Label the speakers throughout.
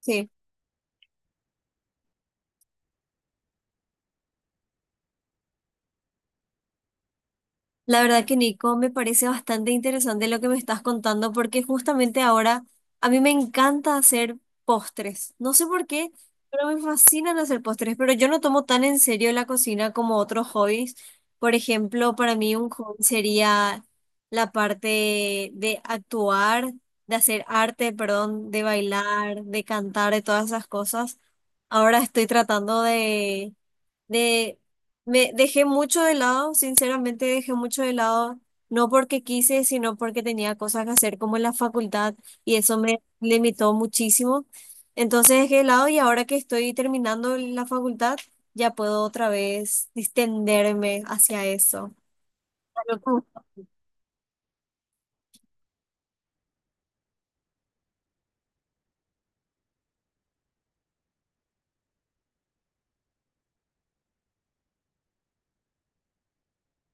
Speaker 1: Sí, la verdad que Nico, me parece bastante interesante lo que me estás contando porque justamente ahora a mí me encanta hacer postres. No sé por qué, pero me fascinan hacer postres, pero yo no tomo tan en serio la cocina como otros hobbies. Por ejemplo, para mí un hobby sería la parte de actuar, de hacer arte, perdón, de bailar, de cantar, de todas esas cosas. Ahora estoy tratando de me dejé mucho de lado, sinceramente dejé mucho de lado, no porque quise, sino porque tenía cosas que hacer como en la facultad y eso me limitó muchísimo. Entonces dejé de lado y ahora que estoy terminando la facultad, ya puedo otra vez distenderme hacia eso. Claro.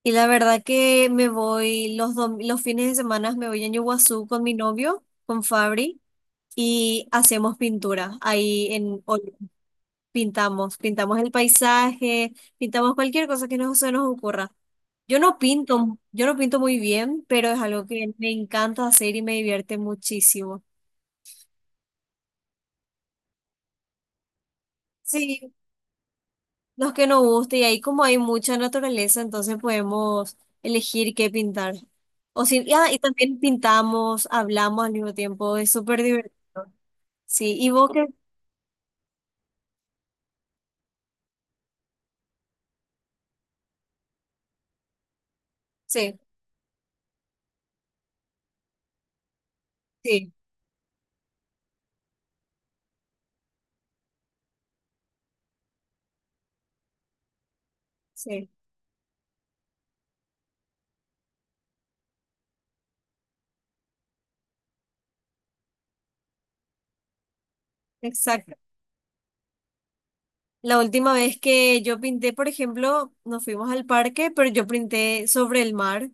Speaker 1: Y la verdad que me voy los fines de semana, me voy a Ñuguazú con mi novio, con Fabri, y hacemos pintura ahí en... Pintamos, pintamos el paisaje, pintamos cualquier cosa que se nos ocurra. Yo no pinto muy bien, pero es algo que me encanta hacer y me divierte muchísimo. Sí, los que nos guste, y ahí como hay mucha naturaleza, entonces podemos elegir qué pintar. O si, y también pintamos, hablamos al mismo tiempo, es súper divertido. Sí, sí, sí, sí, exacto. La última vez que yo pinté, por ejemplo, nos fuimos al parque, pero yo pinté sobre el mar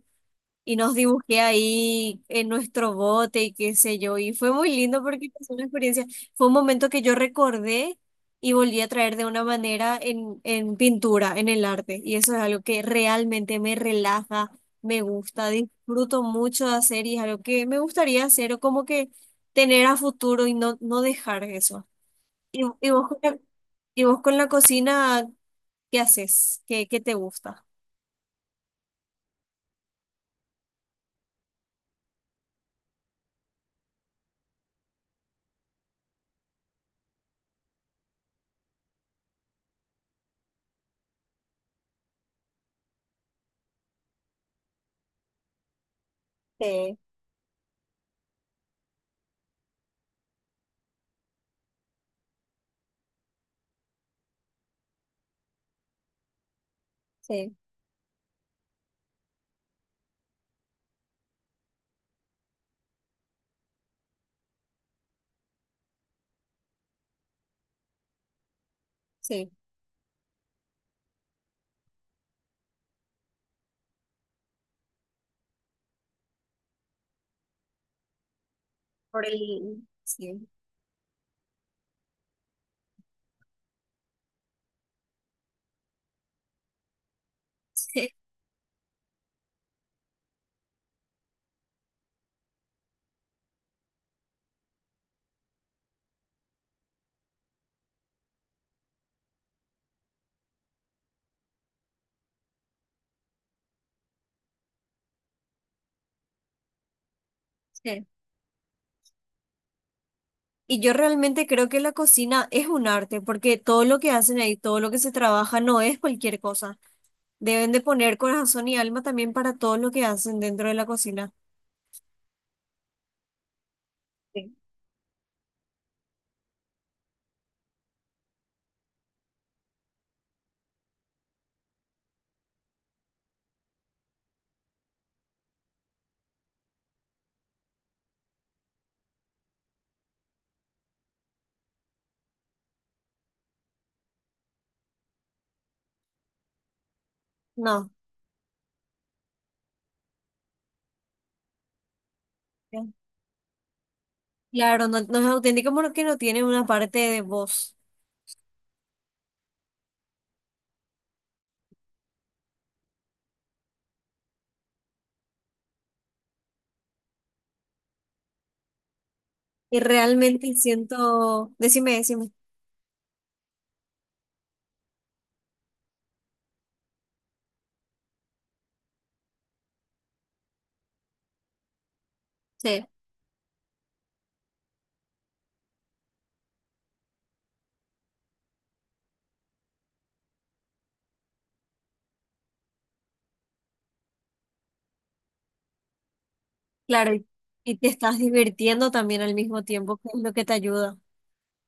Speaker 1: y nos dibujé ahí en nuestro bote y qué sé yo. Y fue muy lindo porque fue una experiencia, fue un momento que yo recordé y volví a traer de una manera en pintura, en el arte. Y eso es algo que realmente me relaja, me gusta, disfruto mucho de hacer y es algo que me gustaría hacer o como que tener a futuro y no, no dejar eso. ¿Y vos con la cocina, qué haces? ¿Qué, qué te gusta? Sí, sí, sí. Por el... Sí, sí, sí. Y yo realmente creo que la cocina es un arte, porque todo lo que hacen ahí, todo lo que se trabaja, no es cualquier cosa. Deben de poner corazón y alma también para todo lo que hacen dentro de la cocina. Sí. No, claro, no, no es auténtico porque no tiene una parte de voz. Y realmente siento... Decime, decime. Sí. Claro, y te estás divirtiendo también al mismo tiempo, que es lo que te ayuda.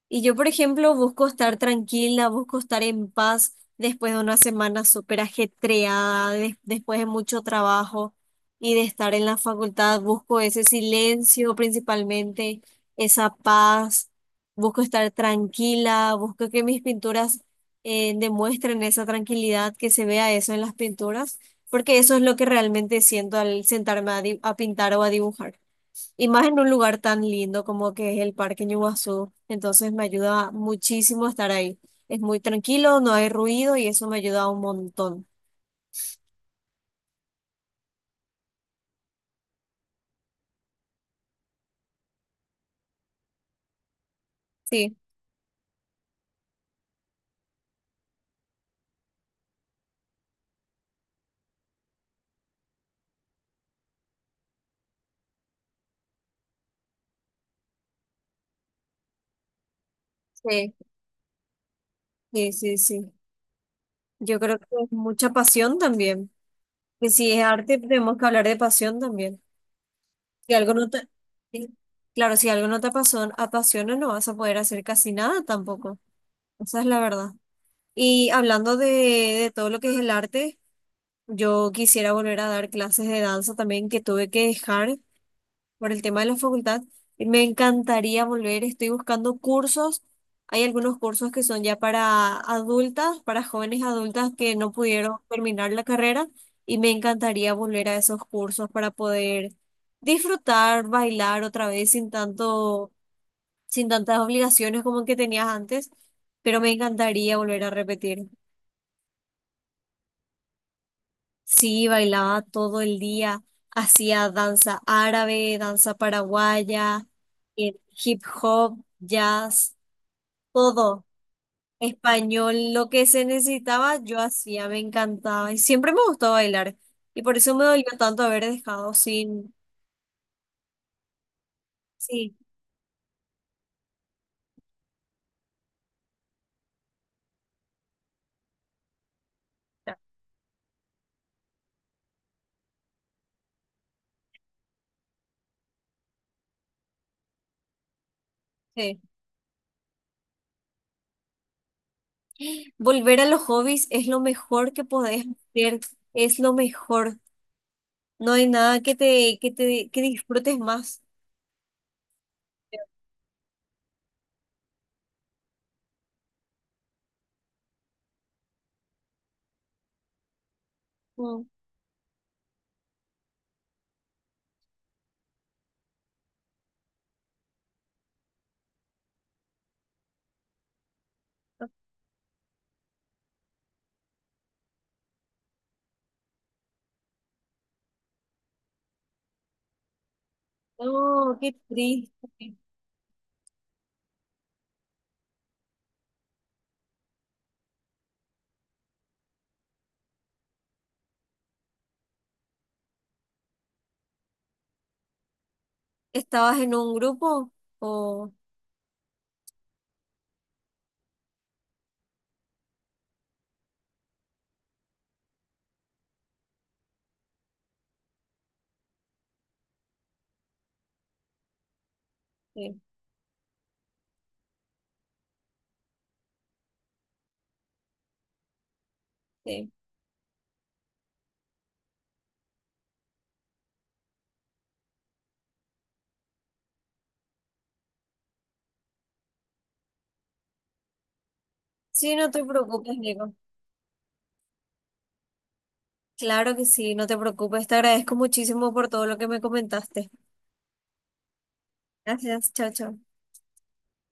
Speaker 1: Y yo, por ejemplo, busco estar tranquila, busco estar en paz después de una semana súper ajetreada, después de mucho trabajo y de estar en la facultad, busco ese silencio principalmente, esa paz, busco estar tranquila, busco que mis pinturas demuestren esa tranquilidad, que se vea eso en las pinturas, porque eso es lo que realmente siento al sentarme a a pintar o a dibujar. Y más en un lugar tan lindo como que es el Parque Ñuazú. Entonces me ayuda muchísimo estar ahí. Es muy tranquilo, no hay ruido y eso me ayuda un montón. Sí, sí, sí, sí, sí. Yo creo que es mucha pasión también. Que si es arte, tenemos que hablar de pasión también. Si algo no te... sí, claro, si algo no te apasiona, no vas a poder hacer casi nada tampoco. Esa es la verdad. Y hablando de todo lo que es el arte, yo quisiera volver a dar clases de danza también que tuve que dejar por el tema de la facultad. Y me encantaría volver, estoy buscando cursos. Hay algunos cursos que son ya para adultas, para jóvenes adultas que no pudieron terminar la carrera y me encantaría volver a esos cursos para poder disfrutar, bailar otra vez sin tanto, sin tantas obligaciones como que tenías antes, pero me encantaría volver a repetir. Sí, bailaba todo el día, hacía danza árabe, danza paraguaya, hip hop, jazz, todo. Español, lo que se necesitaba, yo hacía, me encantaba. Y siempre me gustó bailar. Y por eso me dolió tanto haber dejado sin... Sí, sí. Volver a los hobbies es lo mejor que podés hacer, es lo mejor. No hay nada que disfrutes más. Mm. No, qué triste. ¿Estabas en un grupo? O sí, sí. Sí, no te preocupes, Diego. Claro que sí, no te preocupes, te agradezco muchísimo por todo lo que me comentaste. Gracias, chao, chao.